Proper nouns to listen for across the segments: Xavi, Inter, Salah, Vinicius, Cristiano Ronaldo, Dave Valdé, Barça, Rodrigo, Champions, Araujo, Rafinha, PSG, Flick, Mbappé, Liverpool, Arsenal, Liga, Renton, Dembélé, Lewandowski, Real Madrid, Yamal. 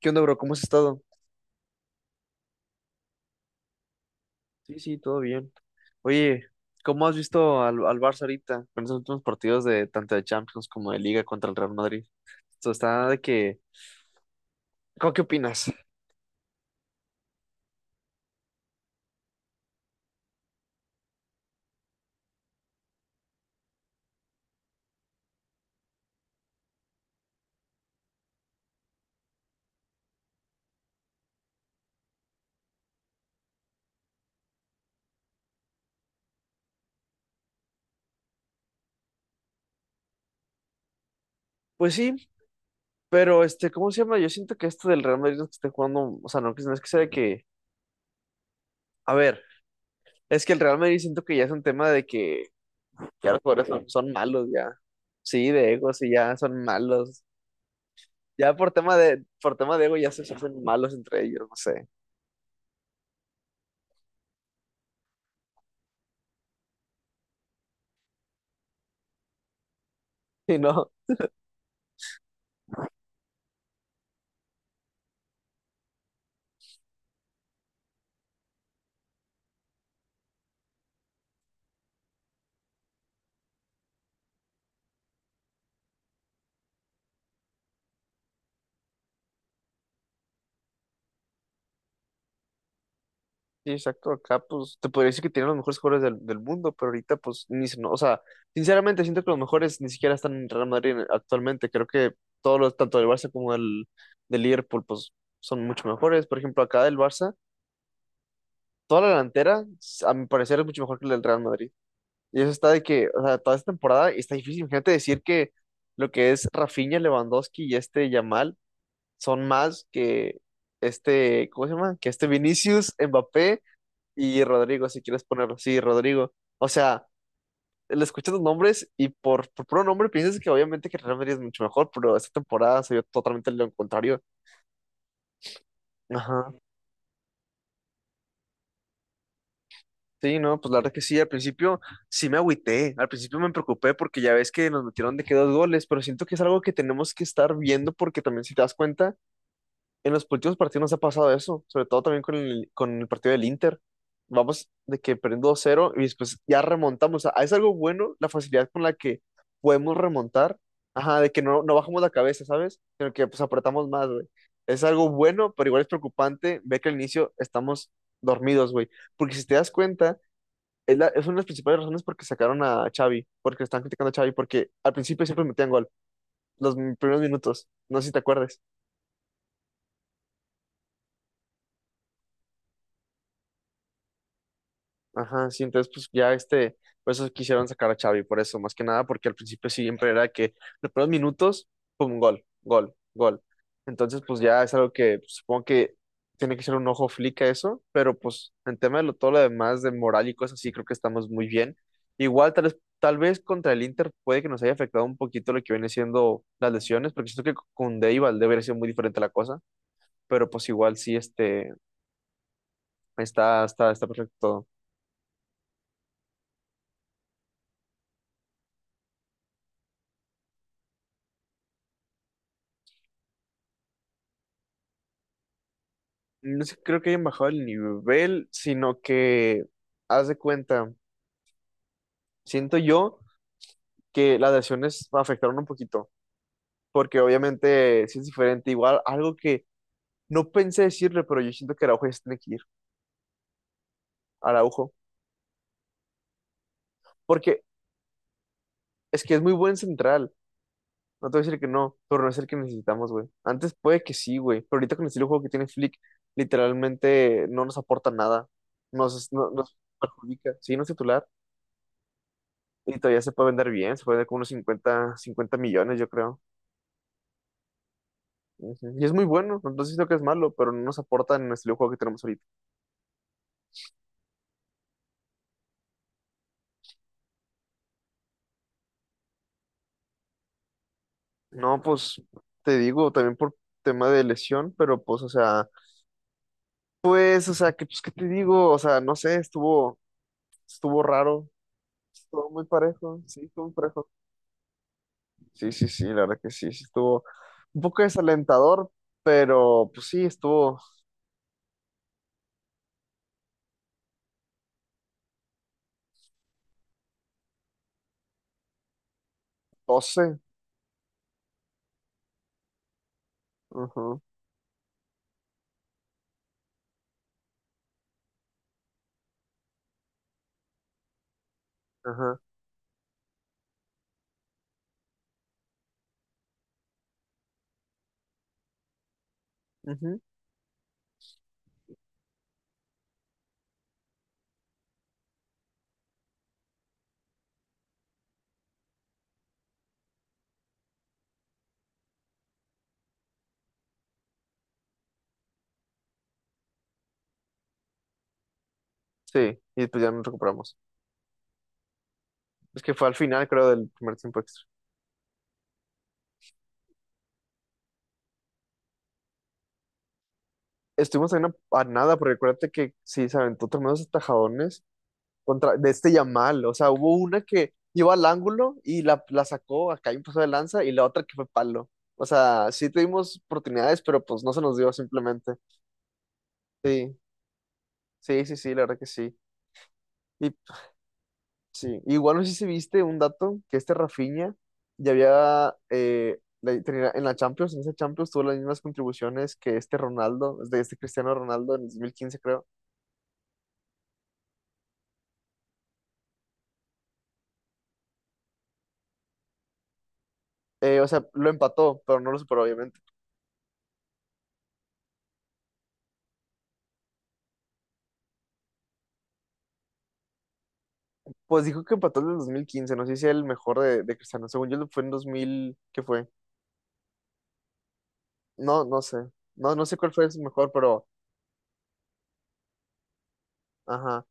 ¿Qué onda, bro? ¿Cómo has estado? Sí, sí, todo bien. Oye, ¿cómo has visto al Barça ahorita con esos últimos partidos de tanto de Champions como de Liga contra el Real Madrid? Esto está de que. ¿Cómo qué opinas? Pues sí, pero este, ¿cómo se llama? Yo siento que esto del Real Madrid no es que esté jugando, o sea, no, no es que sea de que. A ver, es que el Real Madrid siento que ya es un tema de que ya los jugadores son malos ya. Sí, de ego, sí, ya son malos. Ya por tema de ego ya se hacen malos entre ellos, no sé. Y no. Sí, exacto, acá pues te podría decir que tienen los mejores jugadores del mundo, pero ahorita pues ni se- no, o sea, sinceramente siento que los mejores ni siquiera están en Real Madrid actualmente, creo que todos los, tanto del Barça como del Liverpool pues son mucho mejores. Por ejemplo acá del Barça, toda la delantera a mi parecer es mucho mejor que la del Real Madrid, y eso está de que, o sea, toda esta temporada está difícil. Imagínate decir que lo que es Rafinha, Lewandowski y este Yamal son más que este, ¿cómo se llama? Que este Vinicius, Mbappé y Rodrigo, si quieres ponerlo sí Rodrigo. O sea, le escuchas los nombres y por puro nombre piensas que obviamente que Real Madrid es mucho mejor, pero esta temporada se vio totalmente lo contrario. Ajá. Sí, no, pues la verdad que sí, al principio sí me agüité, al principio me preocupé porque ya ves que nos metieron de que dos goles, pero siento que es algo que tenemos que estar viendo, porque también si te das cuenta, en los últimos partidos nos ha pasado eso, sobre todo también con el partido del Inter. Vamos de que perdiendo 2-0 y después ya remontamos. O sea, es algo bueno la facilidad con la que podemos remontar. Ajá, de que no, no bajamos la cabeza, ¿sabes? Sino que pues apretamos más, güey. Es algo bueno, pero igual es preocupante ver que al inicio estamos dormidos, güey. Porque si te das cuenta, es una de las principales razones porque sacaron a Xavi, porque están criticando a Xavi, porque al principio siempre metían gol, los primeros minutos. No sé si te acuerdas. Ajá, sí, entonces pues ya este, por eso quisieron sacar a Xavi, por eso, más que nada, porque al principio siempre era que los primeros minutos, pum, gol, gol, gol. Entonces pues ya es algo que pues, supongo que tiene que ser un ojo flica eso, pero pues en tema de lo, todo lo demás de moral y cosas así, creo que estamos muy bien. Igual tal vez contra el Inter puede que nos haya afectado un poquito lo que viene siendo las lesiones, porque siento que con Dave Valdé hubiera sido muy diferente la cosa, pero pues igual sí, este, está perfecto todo. No sé, creo que hayan bajado el nivel, sino que, haz de cuenta, siento yo que las lesiones me afectaron un poquito, porque obviamente sí es diferente. Igual, algo que no pensé decirle, pero yo siento que Araujo ya se tiene que ir. Araujo, porque es que es muy buen central. No te voy a decir que no, pero no es el que necesitamos, güey. Antes puede que sí, güey, pero ahorita con el estilo de juego que tiene Flick, literalmente no nos aporta nada. Nos perjudica. Sí, no es titular. Y todavía se puede vender bien, se puede vender como unos cincuenta millones, yo creo. Ujú. Y es muy bueno, no siento que es malo, pero no nos aporta en el estilo de juego que tenemos ahorita. No, pues te digo, también por tema de lesión, pero pues, o sea, que, pues, ¿qué te digo? O sea, no sé, estuvo raro, estuvo muy parejo, sí, estuvo muy parejo. Sí, sí, sí, la verdad que sí, sí, estuvo un poco desalentador, pero pues sí, estuvo 12. Ajá, ajá, ujú. Sí, y pues ya nos recuperamos. Es que fue al final, creo, del primer tiempo extra. Estuvimos en a nada, porque acuérdate que sí, se aventó tremendos atajadones contra, de este Yamal. O sea, hubo una que iba al ángulo y la sacó, acá hay un paso de lanza, y la otra que fue palo. O sea, sí tuvimos oportunidades, pero pues no se nos dio simplemente. Sí, sí, sí, sí, la verdad que sí. Y sí, igual no sé si viste un dato que este Rafinha ya había en la Champions, en esa Champions tuvo las mismas contribuciones que este Ronaldo, de este Cristiano Ronaldo en el 2015 creo. O sea, lo empató, pero no lo superó obviamente. Pues dijo que empató en el 2015 no sé si el mejor de Cristiano. Según yo fue en dos mil, ¿qué fue? No, no sé. No, no sé cuál fue el mejor, pero ajá.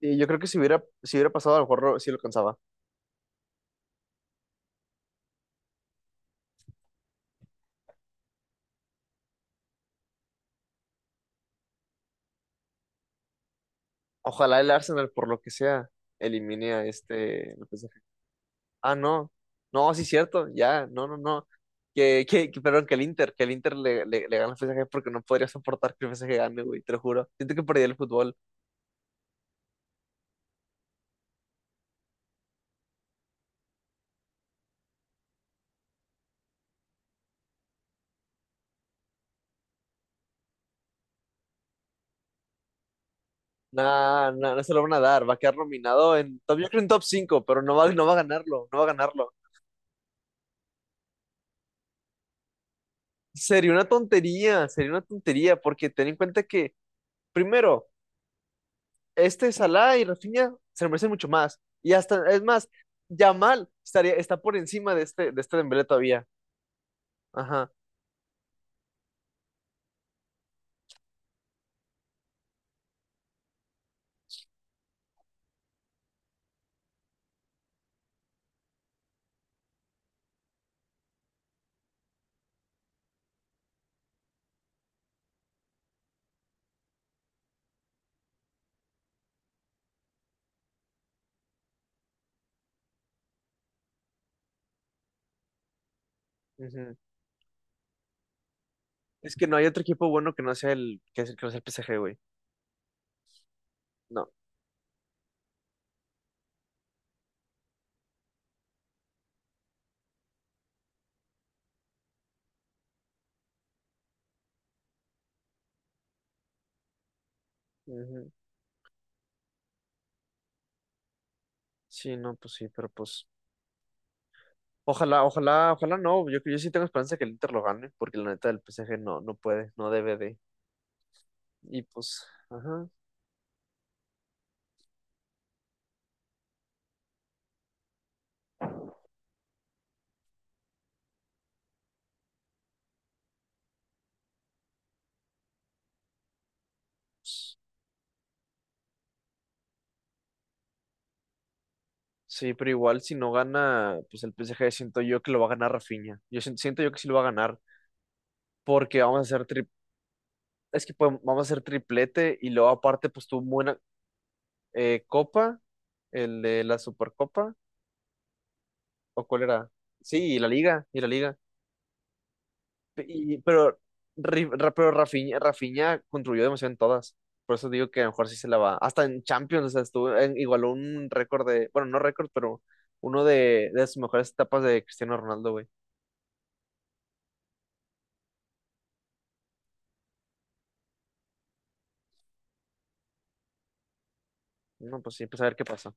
Y yo creo que si hubiera, si hubiera pasado, a lo mejor lo- sí lo alcanzaba. Ojalá el Arsenal, por lo que sea, elimine a este. Ah, no. No, sí, cierto. Ya, no, no, no. Perdón, que el Inter le gana al PSG porque no podría soportar que el PSG gane, güey, te lo juro. Siento que perdí el fútbol. Nah, nah, no se lo van a dar. Va a quedar nominado en top, yo creo en top cinco, pero no va, no va a ganarlo, no va a ganarlo. Sería una tontería, porque ten en cuenta que, primero, este Salah y Rafinha se lo merecen mucho más. Y hasta, es más, Yamal estaría, está por encima de este, Dembélé todavía. Ajá. Es que no hay otro equipo bueno que no sea el que es el que no sea el PSG, güey. No. Ujú. Sí, no, pues sí, pero pues ojalá, ojalá, ojalá no. Yo sí tengo esperanza que el Inter lo gane, porque la neta del PSG no, no puede, no debe de. Y pues, ajá. Sí, pero igual si no gana, pues el PSG siento yo que lo va a ganar Rafinha. Yo siento yo que sí lo va a ganar, porque vamos a hacer triplete y luego aparte pues tuvo buena copa, el de la Supercopa, ¿o cuál era? Sí, y la Liga, y la Liga. Y, pero Rafinha contribuyó demasiado en todas. Por eso digo que a lo mejor sí se la va. Hasta en Champions, o sea, estuvo, igualó un récord de, bueno, no récord, pero uno de sus mejores etapas de Cristiano Ronaldo, güey. No, pues sí, pues a ver qué pasa.